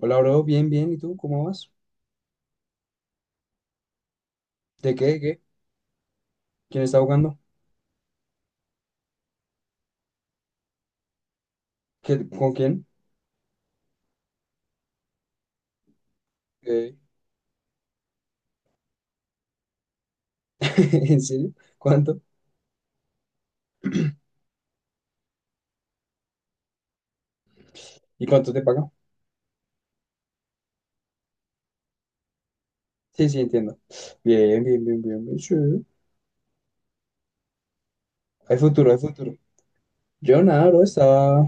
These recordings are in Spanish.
Hola, bro, bien, bien. ¿Y tú cómo vas? ¿De qué? ¿De qué? ¿Quién está jugando? ¿Con quién? Eh, ¿En serio? ¿Cuánto? ¿Y cuánto te pagan? Sí, sí, entiendo. Bien, bien, bien, bien, bien, sí. Hay futuro, hay futuro. Yo nada, bro, estaba,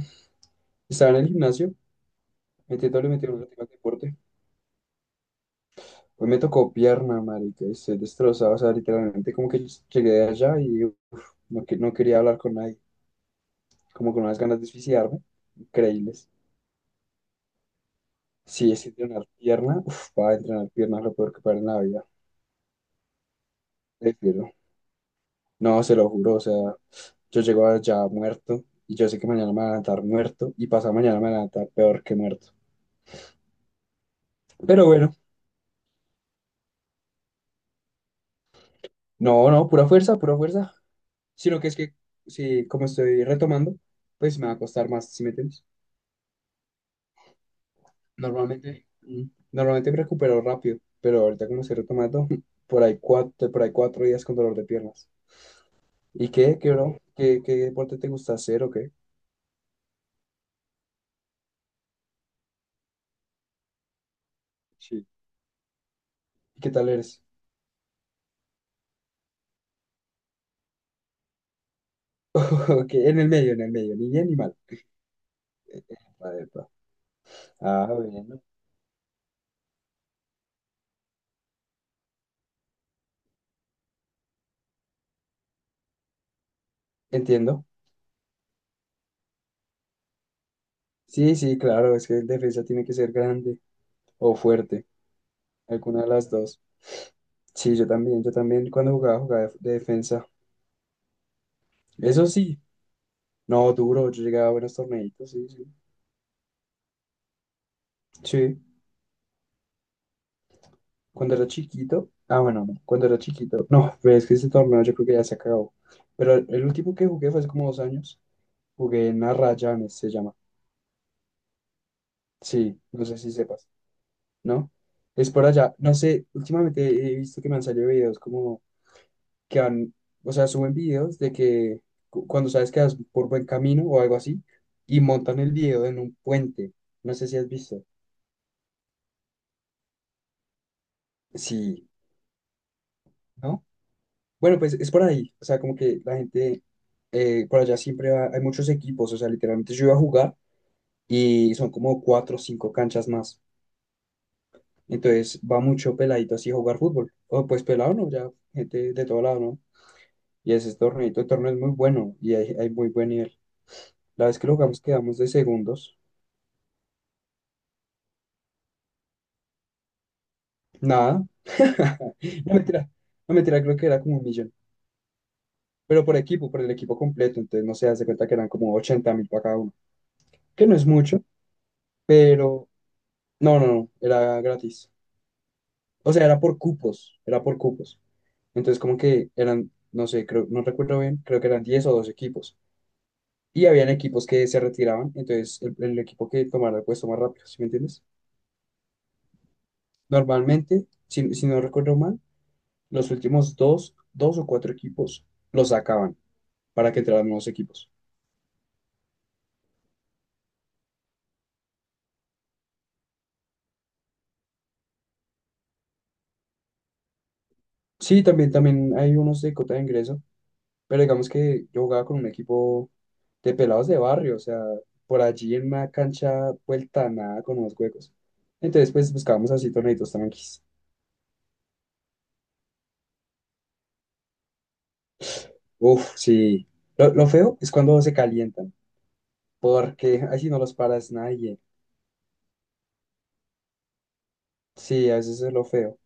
estaba en el gimnasio, metiéndole, metiéndole al deporte. Hoy me tocó pierna, marica, y estoy destrozado, o sea, literalmente como que llegué de allá y uf, no, no quería hablar con nadie, como con unas ganas de suicidarme, increíbles. Sí, es que entrenar pierna, uf, para entrenar pierna es lo peor que para en la vida, prefiero. No, se lo juro, o sea, yo llego allá muerto y yo sé que mañana me voy a levantar muerto y pasado mañana me voy a levantar peor que muerto. Pero bueno, no, no, pura fuerza, pura fuerza. Sino que es que, si como estoy retomando, pues me va a costar más. ¿Si me entiendes? Normalmente, mm, normalmente me recupero rápido, pero ahorita como estoy retomando, por ahí cuatro días con dolor de piernas. ¿Y qué, bro? ¿Qué deporte te gusta hacer o qué? ¿Y qué tal eres? Ok, en el medio, ni bien ni mal. A ver, ah, bueno. Entiendo. Sí, sí, claro, es que el defensa tiene que ser grande o fuerte, alguna de las dos. Sí, yo también cuando jugaba de defensa. Eso sí, no, duro, yo llegaba a buenos torneitos, sí, sí. Sí, cuando era chiquito, ah, bueno, no, cuando era chiquito, no, pero es que ese torneo yo creo que ya se acabó. Pero el último que jugué fue hace como 2 años, jugué en Arrayanes, se llama. Sí, no sé si sepas. ¿No? Es por allá. No sé, últimamente he visto que me han salido videos como que han, o sea, suben videos de que cuando sabes que vas por buen camino o algo así, y montan el video en un puente. No sé si has visto. Sí, ¿no? Bueno, pues es por ahí. O sea, como que la gente por allá siempre va, hay muchos equipos. O sea, literalmente yo iba a jugar y son como cuatro o cinco canchas más. Entonces va mucho peladito así a jugar fútbol. O pues pelado, ¿no? Ya gente de todo lado, ¿no? Y ese torneito de torneo es muy bueno y hay muy buen nivel. La vez que lo jugamos quedamos de segundos. Nada. No mentira. No mentira, creo que era como un millón. Pero por equipo, por el equipo completo. Entonces no se hace cuenta que eran como 80.000 para cada uno. Que no es mucho, pero no, no, no. Era gratis. O sea, era por cupos. Era por cupos. Entonces como que eran, no sé, creo, no recuerdo bien, creo que eran 10 o 12 equipos. Y habían equipos que se retiraban. Entonces el equipo que tomara el puesto más rápido, ¿sí me entiendes? Normalmente, si no recuerdo mal, los últimos dos, dos o cuatro equipos los sacaban para que entraran nuevos equipos. Sí, también, también hay unos de cota de ingreso, pero digamos que yo jugaba con un equipo de pelados de barrio, o sea, por allí en una cancha vuelta a nada con unos huecos. Entonces, pues buscábamos así torneitos tranquis. Uf, sí. Lo feo es cuando se calientan, porque así no los paras nadie. Sí, a veces es lo feo.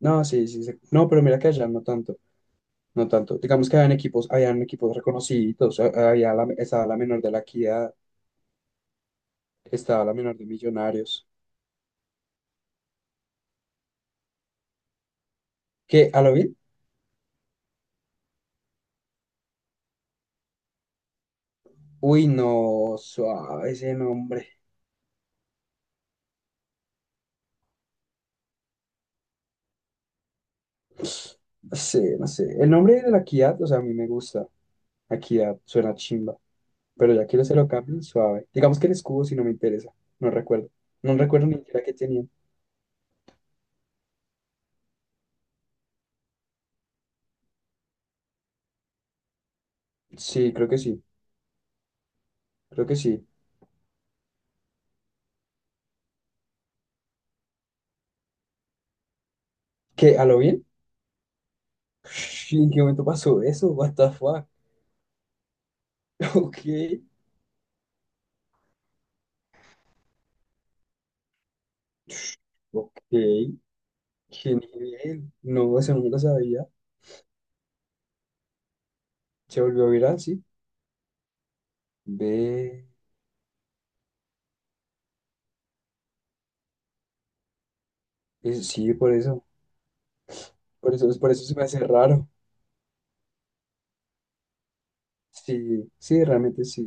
No, sí, sí, sí. No, pero mira que allá no tanto. No tanto. Digamos que habían equipos reconocidos, estaba la menor de la Equidad, estaba la menor de Millonarios. ¿Qué? ¿A lo bien? Uy, no, suave ese nombre. No sé, no sé. El nombre de la Equidad, o sea, a mí me gusta. Equidad, suena chimba. Pero ya que se lo cambien, suave. Digamos que el escudo si no me interesa. No recuerdo. No recuerdo ni siquiera qué tenían. Sí, creo que sí. Creo que sí. ¿Qué? ¿A lo bien? Ush, ¿en qué momento pasó eso? What the fuck? Ok. Ok. Qué nivel. No, eso nunca sabía. Se volvió viral, sí. Ve. Sí, por eso. Por eso, por eso se me hace raro. Sí, sí, realmente sí.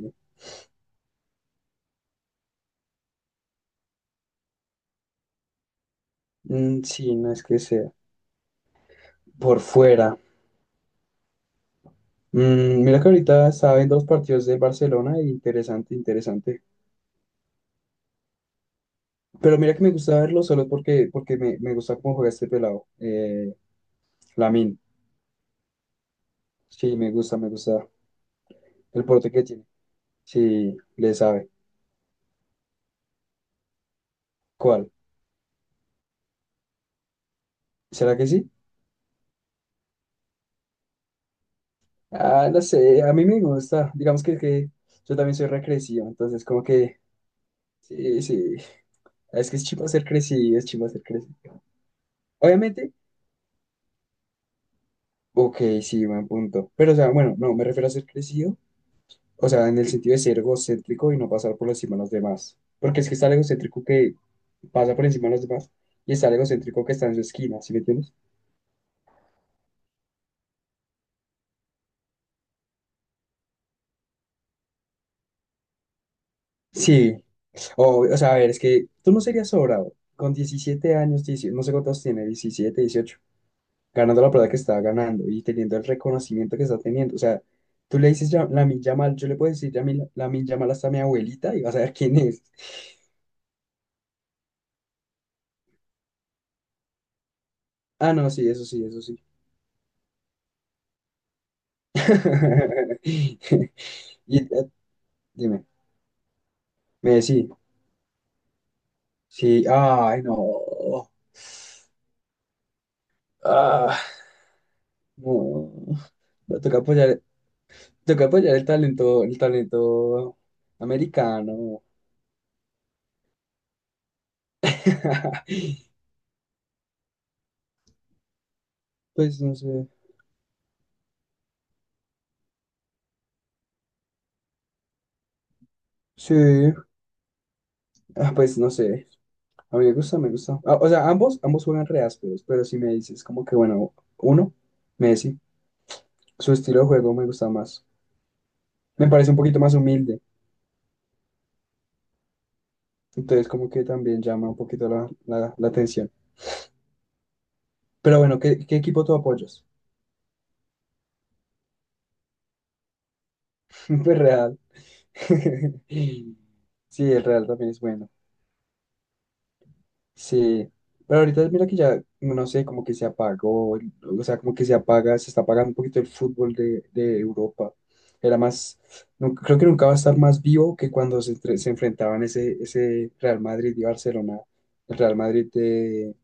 Mm, sí, no es que sea. Por fuera. Mira que ahorita estaba viendo los partidos de Barcelona y interesante, interesante. Pero mira que me gusta verlo solo porque me gusta cómo juega este pelado. Lamine. Sí, me gusta el porte que tiene. Sí, le sabe. ¿Cuál? ¿Será que sí? Ah, no sé, a mí me gusta. Digamos que yo también soy recrecivo, entonces como que, sí, sí, es que es chivo ser crecido, es chivo ser crecido. Obviamente, ok, sí, buen punto. Pero, o sea, bueno, no, me refiero a ser crecido, o sea, en el sentido de ser egocéntrico y no pasar por encima de los demás. Porque es que está el egocéntrico que pasa por encima de los demás y está el egocéntrico que está en su esquina, ¿sí me entiendes? Sí, o sea, a ver, es que tú no serías sobrado. Con 17 años, dieci no sé cuántos tiene, 17 18 ganando la plata que estaba ganando y teniendo el reconocimiento que está teniendo. O sea, tú le dices la Lamine Yamal, yo le puedo decir Lamine Yamal hasta a mi abuelita y vas a ver quién es. Ah, no, sí, eso sí, eso sí. Y, dime, Messi, sí, ay, no. Ah, no. No, toca apoyar, toca apoyar el talento americano. Pues no sé. Sí, ah, pues no sé. A mí me gusta, me gusta. Ah, o sea, ambos, ambos juegan re ásperos, pero si me dices como que, bueno, uno, Messi, su estilo de juego me gusta más. Me parece un poquito más humilde, entonces como que también llama un poquito la atención. Pero bueno, ¿qué equipo tú apoyas? Pues Real. Sí, el Real también es bueno. Sí, pero ahorita mira que ya, no sé, como que se apagó, o sea, como que se apaga, se está apagando un poquito el fútbol de, Europa. Era más, no, creo que nunca va a estar más vivo que cuando se enfrentaban ese Real Madrid y Barcelona, el Real Madrid de,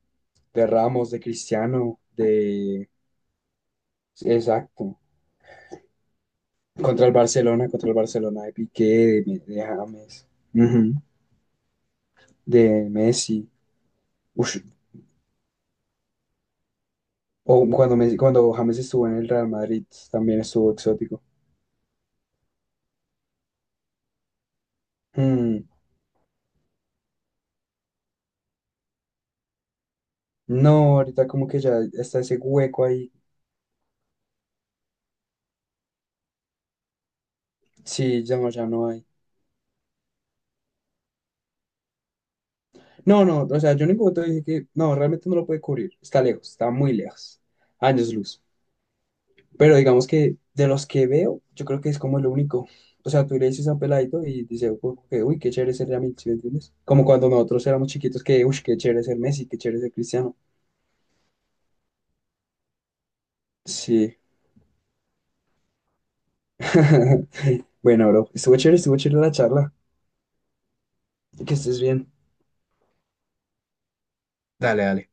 de Ramos, de Cristiano, de... Exacto, contra el Barcelona de Piqué, de James, ujú, de Messi. O cuando James estuvo en el Real Madrid, también estuvo exótico. Mm, no, ahorita como que ya está ese hueco ahí. Sí, ya no, ya no hay. No, no, o sea, yo en ningún momento dije que no, realmente no lo puede cubrir. Está lejos, está muy lejos. Años luz. Pero digamos que de los que veo, yo creo que es como el único. O sea, tú le dices a un peladito y dice, "Uy, uy, qué chévere ser Yamil", ¿sí me entiendes? Como cuando nosotros éramos chiquitos, que, uy, qué chévere ser Messi, qué chévere ser Cristiano. Sí. Bueno, bro, estuvo chévere la charla. Que estés bien. Dale, dale.